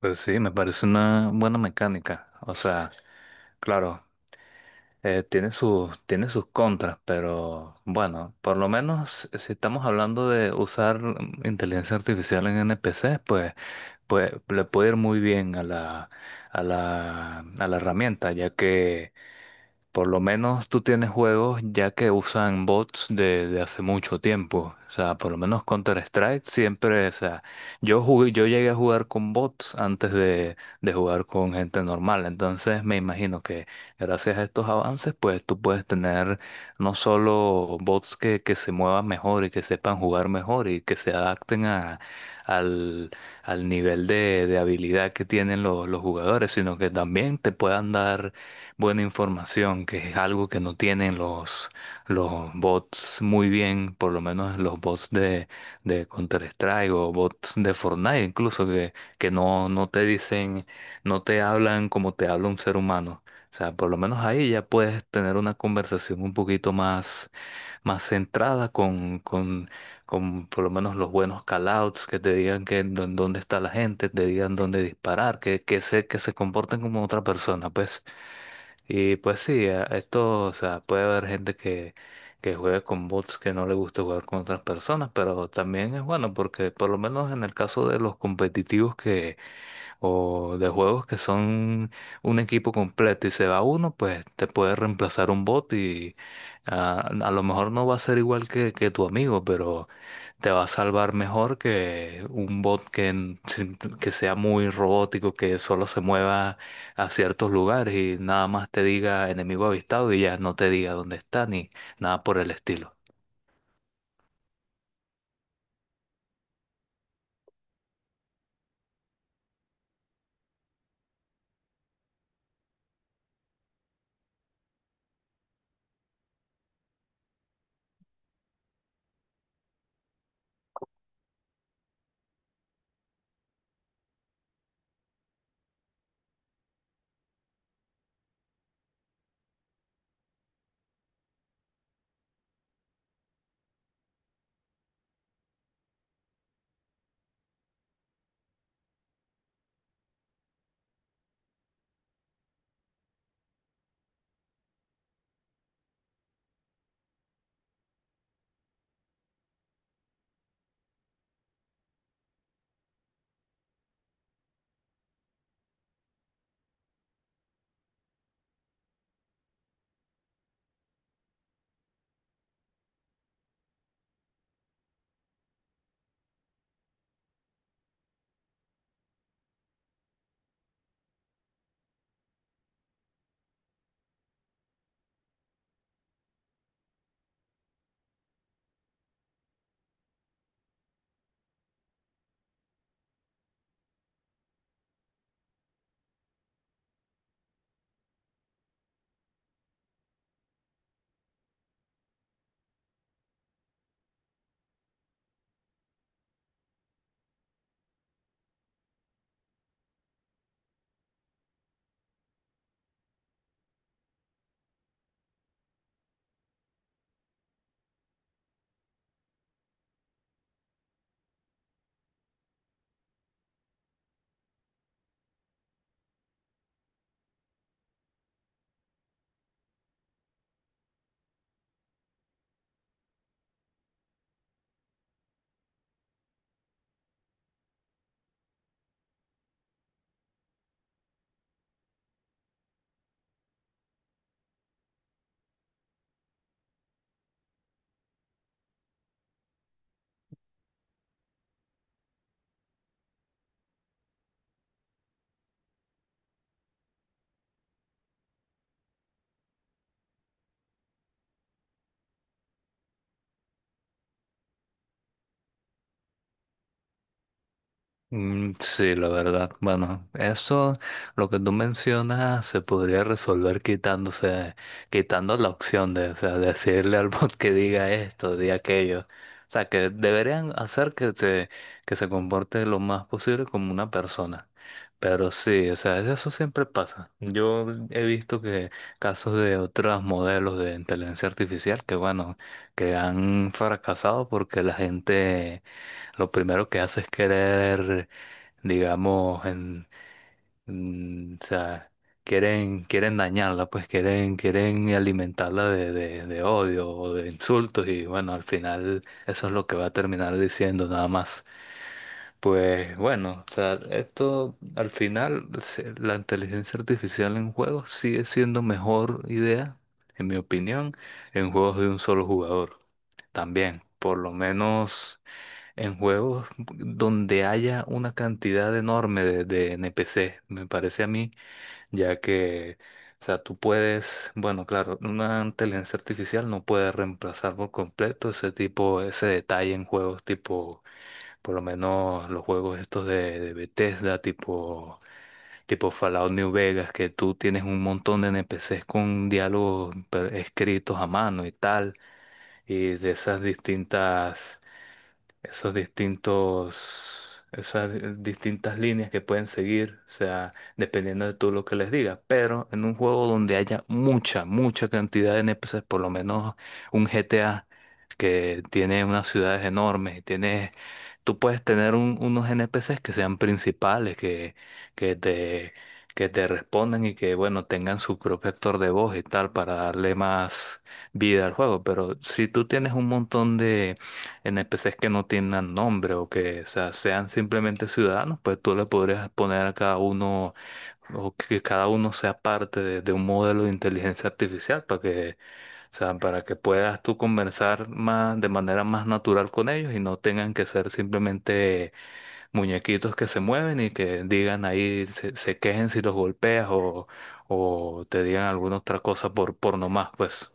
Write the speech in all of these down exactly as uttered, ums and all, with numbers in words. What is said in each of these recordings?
Pues sí, me parece una buena mecánica. O sea, claro, eh, tiene sus, tiene sus contras, pero bueno, por lo menos eh, si estamos hablando de usar mm, inteligencia artificial en N P C, pues, pues le puede ir muy bien a la, a la, a la herramienta, ya que por lo menos tú tienes juegos ya que usan bots de, de hace mucho tiempo. O sea, por lo menos Counter-Strike siempre, o sea, yo jugué, yo llegué a jugar con bots antes de, de jugar con gente normal. Entonces me imagino que gracias a estos avances, pues tú puedes tener no solo bots que, que se muevan mejor y que sepan jugar mejor y que se adapten a, al, al nivel de, de habilidad que tienen los, los jugadores, sino que también te puedan dar buena información, que es algo que no tienen los, los bots muy bien, por lo menos los bots de, de Counter-Strike o bots de Fortnite incluso, que, que no, no te dicen, no te hablan como te habla un ser humano. O sea, por lo menos ahí ya puedes tener una conversación un poquito más, más centrada con, con, con por lo menos los buenos callouts, que te digan que en dónde está la gente, te digan dónde disparar, que, que se, que se comporten como otra persona, pues. Y pues sí, a- esto, o sea, puede haber gente que, que juegue con bots que no le gusta jugar con otras personas, pero también es bueno porque por lo menos en el caso de los competitivos que, o de juegos que son un equipo completo y se va uno, pues te puede reemplazar un bot y ah, a lo mejor no va a ser igual que, que tu amigo, pero te va a salvar mejor que un bot que, en- sin- que sea muy robótico, que solo se mueva a ciertos lugares y nada más te diga enemigo avistado y ya no te diga dónde está ni nada por el estilo. Mm, sí, la verdad. Bueno, eso, lo que tú mencionas, se podría resolver quitándose, quitando la opción de, o sea, decirle al bot que diga esto, diga aquello. O sea, que deberían hacer que se, que se comporte lo más posible como una persona. Pero sí, o sea, eso siempre pasa. Yo he visto que casos de otros modelos de inteligencia artificial que, bueno, que han fracasado porque la gente lo primero que hace es querer digamos, en, mm, o sea, quieren, quieren dañarla, pues quieren, quieren alimentarla de, de, de odio o de insultos y bueno, al final eso es lo que va a terminar diciendo nada más. Pues bueno, o sea, esto al final, se- la inteligencia artificial en juegos sigue siendo mejor idea, en mi opinión, en juegos de un solo jugador. También, por lo menos. En juegos donde haya una cantidad enorme de, de N P C, me parece a mí, ya que, o sea, tú puedes, bueno, claro, una inteligencia artificial no puede reemplazar por completo ese tipo, ese detalle en juegos tipo, por lo menos los juegos estos de, de Bethesda, tipo, tipo Fallout New Vegas, que tú tienes un montón de N P Cs con diálogos eh, escritos a mano y tal, y de esas distintas esos distintos, esas di- distintas líneas que pueden seguir, o sea, dependiendo de tú lo que les digas. Pero en un juego donde haya mucha, mucha cantidad de n p N P Cs, por lo menos un g t a que tiene unas ciudades enormes, y tiene, tú puedes tener un- unos n p N P Cs que sean principales, que, que te que te respondan y que, bueno, tengan su propio actor de voz y tal para darle más vida al juego. Pero si tú tienes un montón de N P Cs que no tengan nombre o que, o sea, sean simplemente ciudadanos, pues tú le podrías poner a cada uno o que cada uno sea parte de, de un modelo de inteligencia artificial para que, o sea, para que puedas tú conversar más de manera más natural con ellos y no tengan que ser simplemente muñequitos que se mueven y que digan ahí, se, se quejen si los golpeas o, o te digan alguna otra cosa por, por nomás, pues.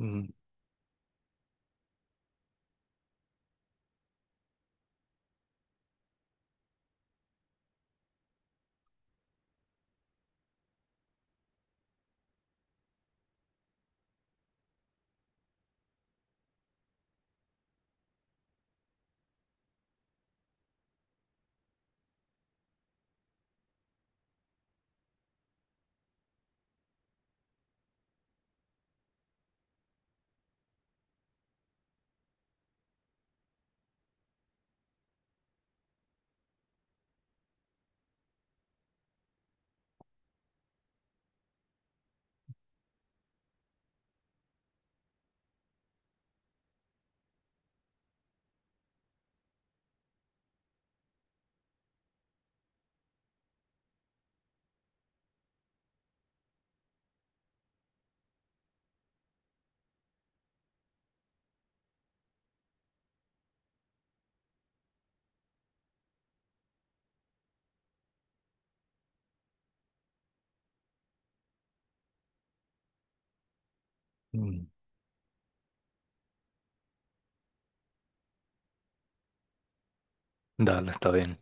Mm, mm. Dale, está bien.